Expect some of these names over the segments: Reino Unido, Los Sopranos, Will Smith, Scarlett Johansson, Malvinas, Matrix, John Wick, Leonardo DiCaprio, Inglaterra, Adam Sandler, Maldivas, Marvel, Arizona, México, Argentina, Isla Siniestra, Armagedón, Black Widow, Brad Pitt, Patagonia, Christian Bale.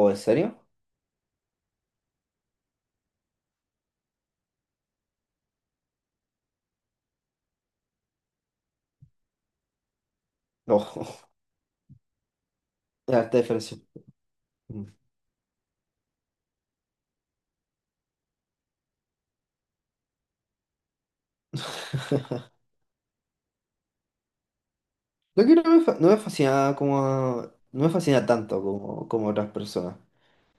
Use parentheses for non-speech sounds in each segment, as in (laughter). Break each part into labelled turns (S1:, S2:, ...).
S1: ¿O en serio? No, (laughs) es harta diferencia. Mm. Lo que no me, no me fascina como... No me fascina tanto como, como otras personas.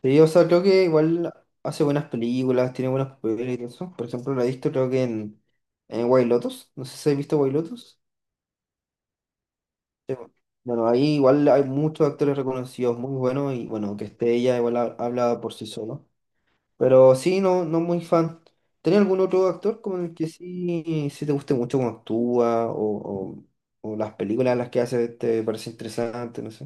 S1: Sí, o sea, creo que igual hace buenas películas, tiene buenos papeles y todo eso. Por ejemplo, la he visto creo que en White Lotus. No sé si has visto White Lotus. Sí, bueno. Bueno, Ahí igual hay muchos actores reconocidos muy buenos y bueno, que esté ella igual habla por sí solo. Pero sí, no, no muy fan. ¿Tenés algún otro actor con el que sí, sí te guste mucho cómo actúa o las películas las que hace te parece interesante, no sé?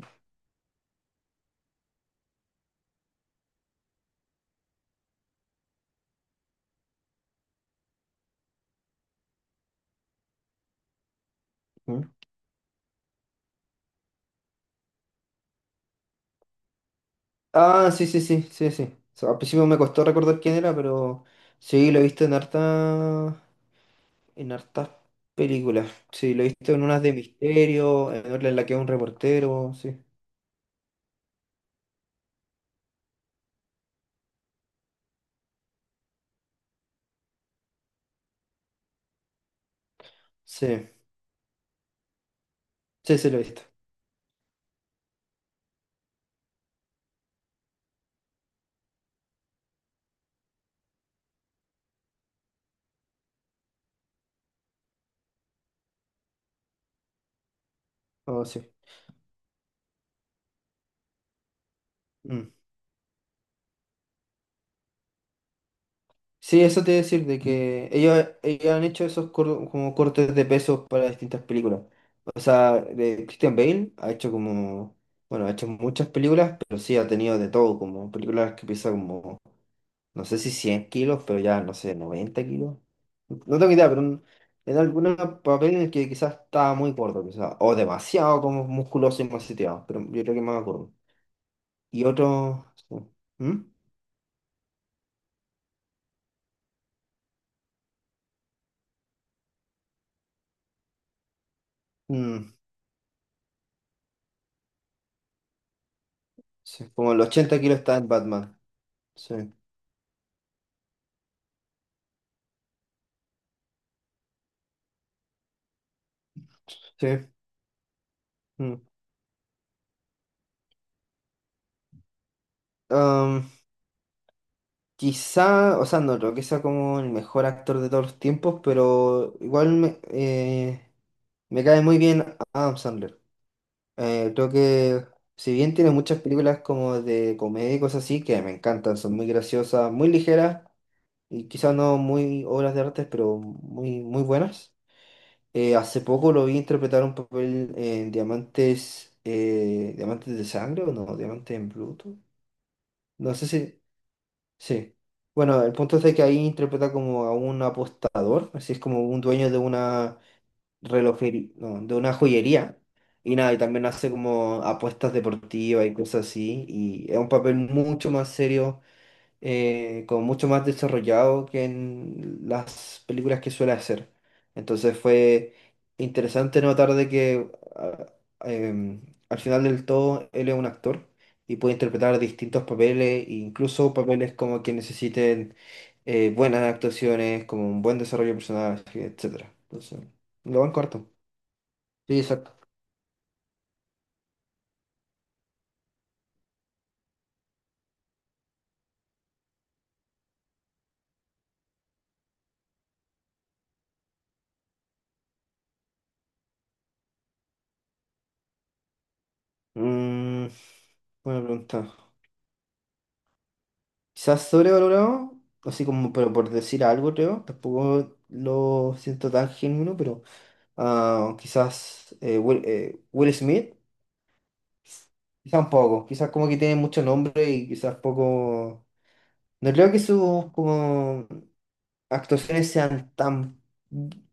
S1: ¿Mm? Ah, sí, sí, sí, sí, sí. O sea, al principio me costó recordar quién era, pero sí, lo he visto en en hartas películas. Sí, lo he visto en unas de misterio, en otra en la que es un reportero, sí. Sí, sí, sí, lo he visto. Oh, sí. Mm. Sí, eso te iba a decir, de que ellos han hecho esos como cortes de pesos para distintas películas. O sea, de Christian Bale ha hecho como, bueno, ha hecho muchas películas, pero sí ha tenido de todo, como películas que pesan como, no sé si 100 kilos, pero ya, no sé, 90 kilos. No tengo idea, pero en algún papel en el que quizás estaba muy gordo, quizás, o demasiado como musculoso y maceteado, pero yo creo que más gordo. Y otro, sí. ¿Mm? Mm, sí, como el 80 kilos está en Batman, sí. Sí. Mm. Um, Quizá, o sea, no creo que sea como el mejor actor de todos los tiempos, pero igual me, me cae muy bien Adam Sandler. Creo que si bien tiene muchas películas como de comedia y cosas así, que me encantan, son muy graciosas, muy ligeras y quizá no muy obras de arte, pero muy, muy buenas. Hace poco lo vi interpretar un papel en Diamantes, Diamantes de Sangre o no, Diamantes en Bruto. No sé si. Sí. Bueno, el punto es de que ahí interpreta como a un apostador, así es como un dueño de una relojería, no, de una joyería. Y nada, y también hace como apuestas deportivas y cosas así. Y es un papel mucho más serio, como mucho más desarrollado que en las películas que suele hacer. Entonces fue interesante notar de que a- em, al final del todo él es un actor y puede interpretar distintos papeles, incluso papeles como que necesiten buenas actuaciones, como un buen desarrollo personal, etcétera. Entonces, lo van corto. Sí, exacto. Mm, buena pregunta. Quizás sobrevalorado, así como, pero por decir algo, creo. Tampoco lo siento tan genuino, pero ah, quizás Will Smith, quizás un poco. Quizás como que tiene mucho nombre y quizás poco. No creo que sus como actuaciones sean tan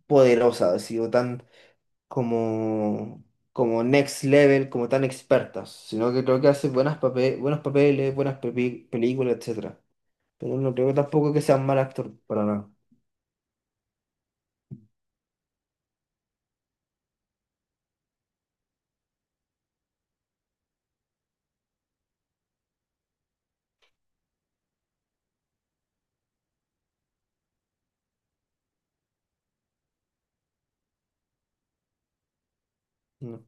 S1: poderosas, así, o tan como, como next level, como tan expertas, sino que creo que hace buenas buenos papeles, buenas películas, etc. Pero no creo que tampoco que sea un mal actor, para nada. No.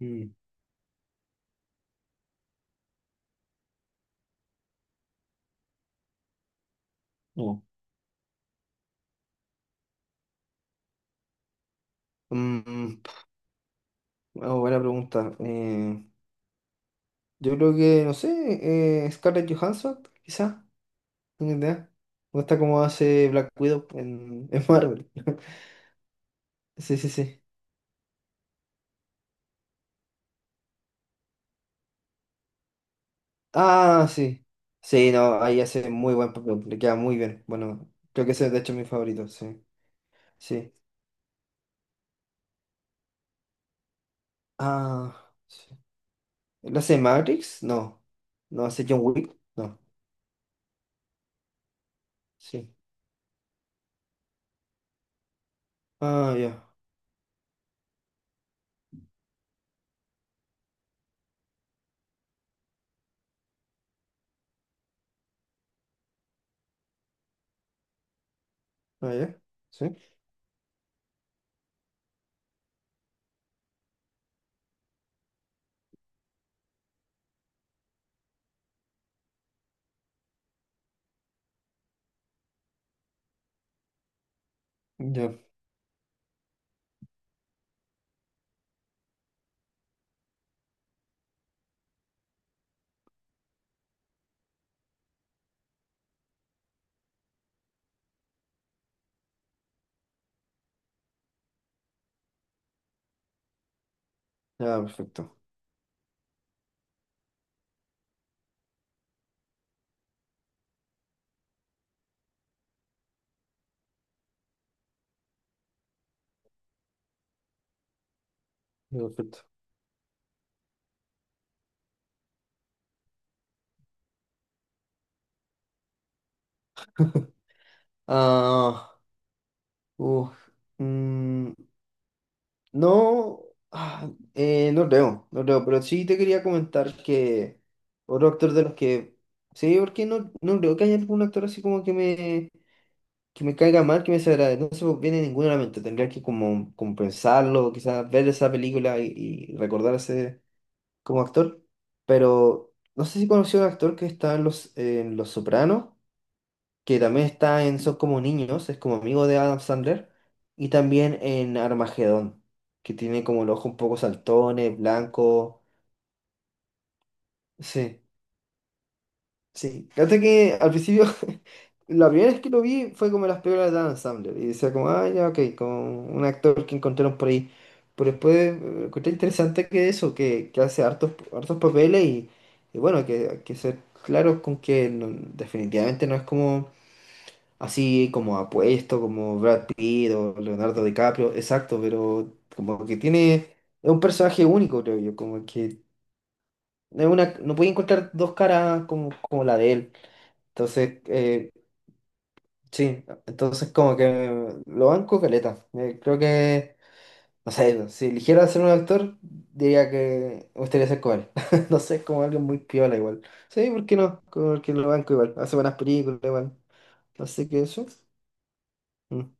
S1: Mm, no. Mm, ah, buena pregunta. Yo creo que, no sé, Scarlett Johansson, quizás, no tengo idea. O está como hace Black Widow en Marvel. (laughs) Sí, sí, sí. Ah, sí. Sí, no, ahí hace muy buen papel, le queda muy bien. Bueno, creo que ese es de hecho mi favorito, sí. Sí. Ah, sí. ¿Él hace Matrix? No. ¿No hace John Wick? No. Sí. Ah, ya. Ah, ya. Sí. Ya, ya, perfecto. Ya, perfecto. Ah, uf, mm, no, ah, no creo, no creo, pero sí te quería comentar que otro actor de los que, sí, porque no, no creo que haya algún actor así como que que me caiga mal, que me desagrade, no se me viene ninguno a la mente, tendría que como, como pensarlo, quizás ver esa película y recordarse como actor, pero no sé si conoció a un actor que está en en Los Sopranos, que también está en Son como niños, es como amigo de Adam Sandler, y también en Armagedón, que tiene como el ojo un poco saltones, blanco. Sí, sí. Fíjate que al principio, (laughs) la primera vez que lo vi fue como en las películas de Adam Sandler, y decía como, ah, ya, ok, como un actor que encontraron por ahí. Pero después encontré interesante que eso, que hace hartos papeles y bueno, que hay que ser claros con que definitivamente no es como así como apuesto, como Brad Pitt o Leonardo DiCaprio, exacto, pero como que tiene, es un personaje único, creo yo, como que es una, no puede encontrar dos caras como, como la de él. Entonces, sí, entonces como que lo banco caleta. Creo que, no sé, si eligiera ser un actor, diría que me gustaría ser como él. (laughs) No sé, es como alguien muy piola igual. Sí, ¿por qué no? Porque lo banco igual, hace buenas películas igual. Así que eso. Mm.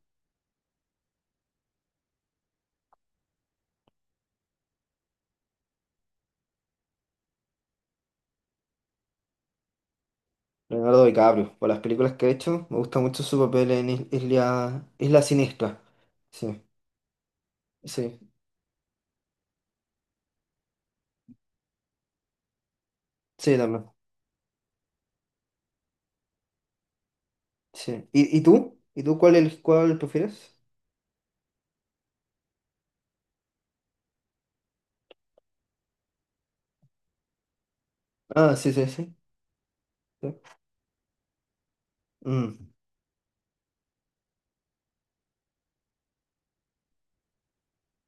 S1: Leonardo DiCaprio, por las películas que ha hecho, me gusta mucho su papel en Isla, Isla Siniestra. Sí, sí, sí, también. Sí. Y tú? ¿Y tú cuál, el, cuál prefieres? Ah, sí, sí, sí. Sí. Mm.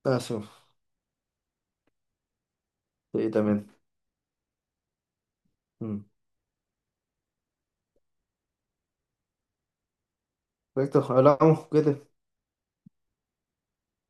S1: Ah, sí, sí, también. Mm. Perfecto, hablamos, cuídate.